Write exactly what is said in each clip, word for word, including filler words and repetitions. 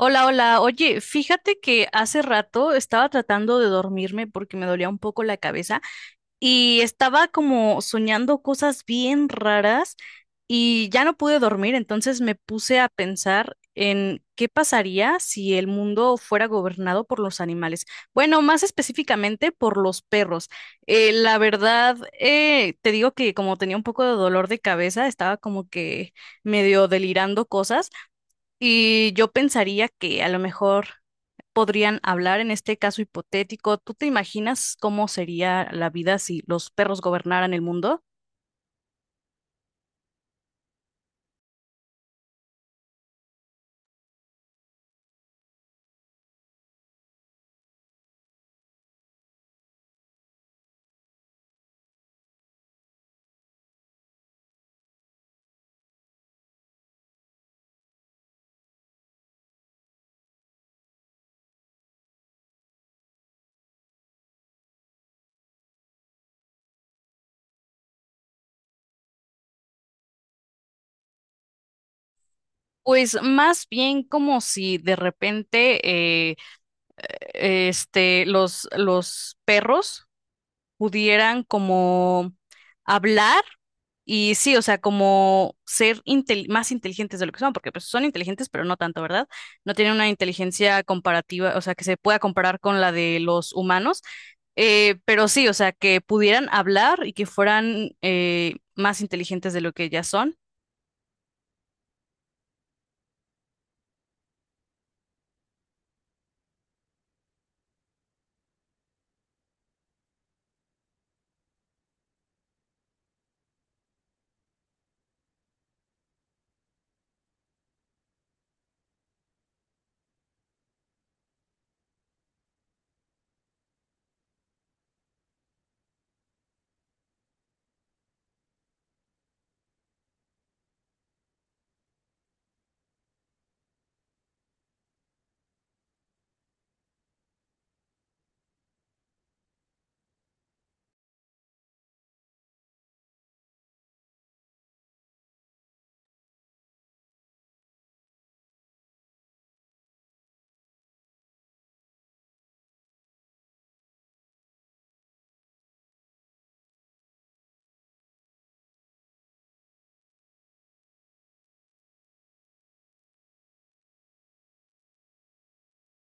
Hola, hola. Oye, fíjate que hace rato estaba tratando de dormirme porque me dolía un poco la cabeza y estaba como soñando cosas bien raras y ya no pude dormir, entonces me puse a pensar en qué pasaría si el mundo fuera gobernado por los animales. Bueno, más específicamente por los perros. Eh, la verdad, eh, te digo que como tenía un poco de dolor de cabeza, estaba como que medio delirando cosas. Y yo pensaría que a lo mejor podrían hablar en este caso hipotético. ¿Tú te imaginas cómo sería la vida si los perros gobernaran el mundo? Pues más bien como si de repente eh, este, los, los perros pudieran como hablar y sí, o sea, como ser intel- más inteligentes de lo que son, porque pues son inteligentes, pero no tanto, ¿verdad? No tienen una inteligencia comparativa, o sea, que se pueda comparar con la de los humanos. Eh, pero sí, o sea, que pudieran hablar y que fueran eh, más inteligentes de lo que ya son.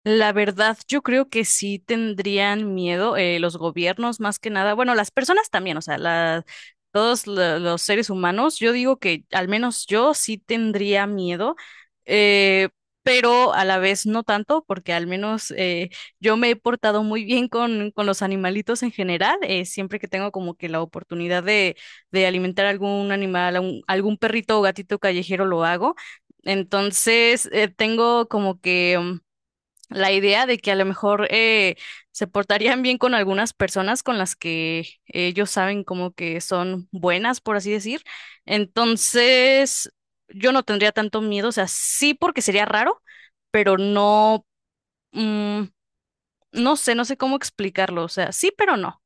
La verdad, yo creo que sí tendrían miedo, eh, los gobiernos más que nada. Bueno, las personas también, o sea, la- todos lo- los seres humanos, yo digo que al menos yo sí tendría miedo, eh, pero a la vez no tanto, porque al menos eh, yo me he portado muy bien con, con los animalitos en general. Eh, siempre que tengo como que la oportunidad de, de alimentar algún animal, algún algún perrito o gatito callejero, lo hago. Entonces, eh, tengo como que la idea de que a lo mejor eh, se portarían bien con algunas personas con las que ellos saben como que son buenas, por así decir. Entonces, yo no tendría tanto miedo, o sea, sí porque sería raro, pero no, mm, no sé, no sé cómo explicarlo, o sea, sí, pero no.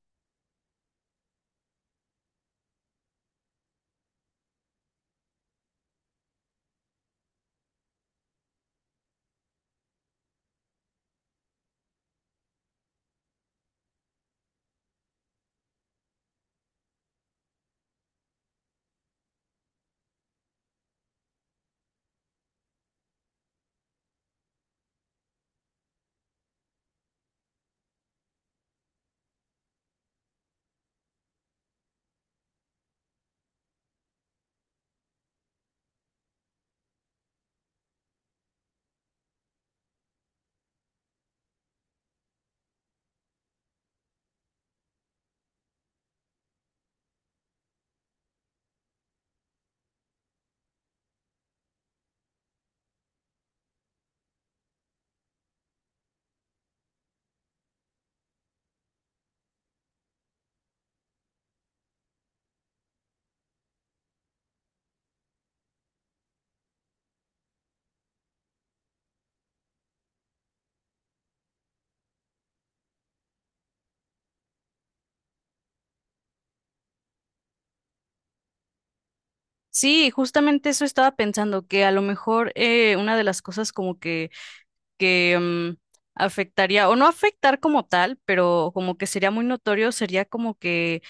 Sí, justamente eso estaba pensando, que a lo mejor eh, una de las cosas como que, que mm, afectaría, o no afectar como tal, pero como que sería muy notorio, sería como que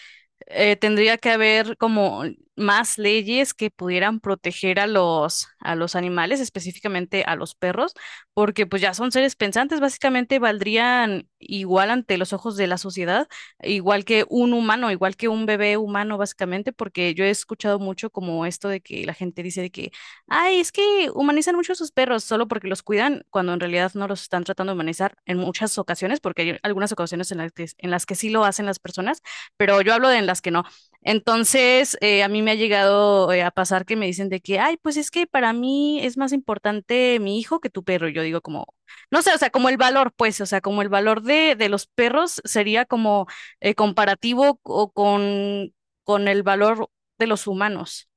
eh, tendría que haber como más leyes que pudieran proteger a los, a los animales, específicamente a los perros, porque pues ya son seres pensantes, básicamente valdrían igual ante los ojos de la sociedad, igual que un humano, igual que un bebé humano, básicamente, porque yo he escuchado mucho como esto de que la gente dice de que, ay, es que humanizan mucho a sus perros solo porque los cuidan, cuando en realidad no los están tratando de humanizar en muchas ocasiones, porque hay algunas ocasiones en las que, en las que sí lo hacen las personas, pero yo hablo de en las que no. Entonces, eh, a mí me ha llegado eh, a pasar que me dicen de que, ay, pues es que para mí es más importante mi hijo que tu perro. Y yo digo como, no sé, o sea, como el valor, pues, o sea, como el valor de, de los perros sería como eh, comparativo o con, con el valor de los humanos.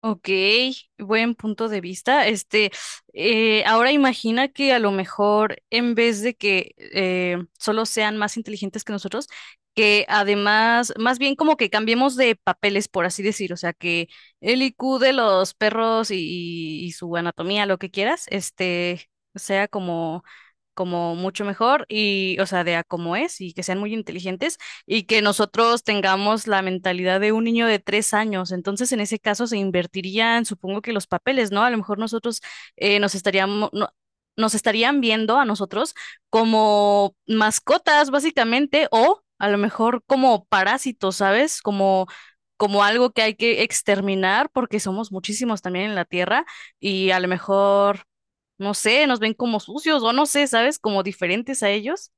Ok, buen punto de vista. Este, eh, ahora imagina que a lo mejor en vez de que eh, solo sean más inteligentes que nosotros, que además, más bien como que cambiemos de papeles, por así decir, o sea, que el I Q de los perros y, y- y su anatomía, lo que quieras, este, sea como, como mucho mejor y, o sea, de a como es y que sean muy inteligentes y que nosotros tengamos la mentalidad de un niño de tres años. Entonces, en ese caso se invertirían, supongo que los papeles, ¿no? A lo mejor nosotros eh, nos estaríamos, no- nos estarían viendo a nosotros como mascotas, básicamente, o a lo mejor como parásitos, ¿sabes? Como, como algo que hay que exterminar porque somos muchísimos también en la Tierra y a lo mejor, no sé, nos ven como sucios o no sé, ¿sabes? Como diferentes a ellos.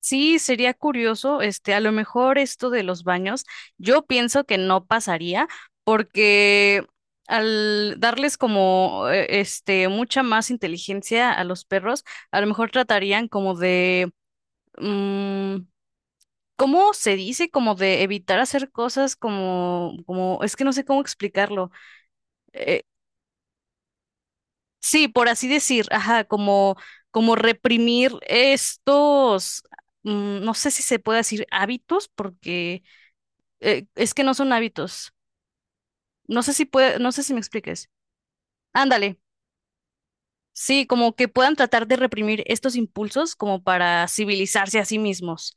Sí, sería curioso, este, a lo mejor esto de los baños, yo pienso que no pasaría porque al darles como eh, este mucha más inteligencia a los perros, a lo mejor tratarían como de mm, ¿cómo se dice? Como de evitar hacer cosas como como es que no sé cómo explicarlo. Eh, sí, por así decir, ajá, como como reprimir estos mm, no sé si se puede decir hábitos, porque eh, es que no son hábitos. No sé si puede, no sé si me expliques. Ándale. Sí, como que puedan tratar de reprimir estos impulsos como para civilizarse a sí mismos.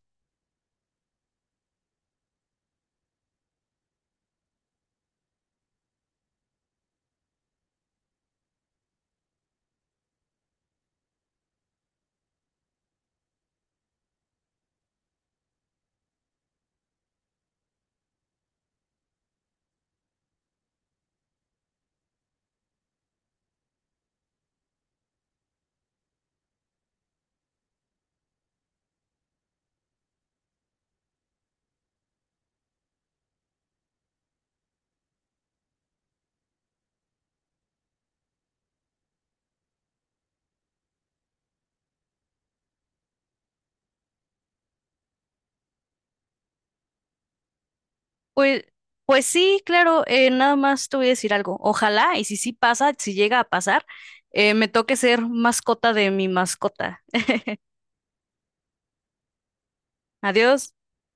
Pues, pues sí, claro, eh, nada más te voy a decir algo. Ojalá, y si sí pasa, si llega a pasar, eh, me toque ser mascota de mi mascota. Adiós.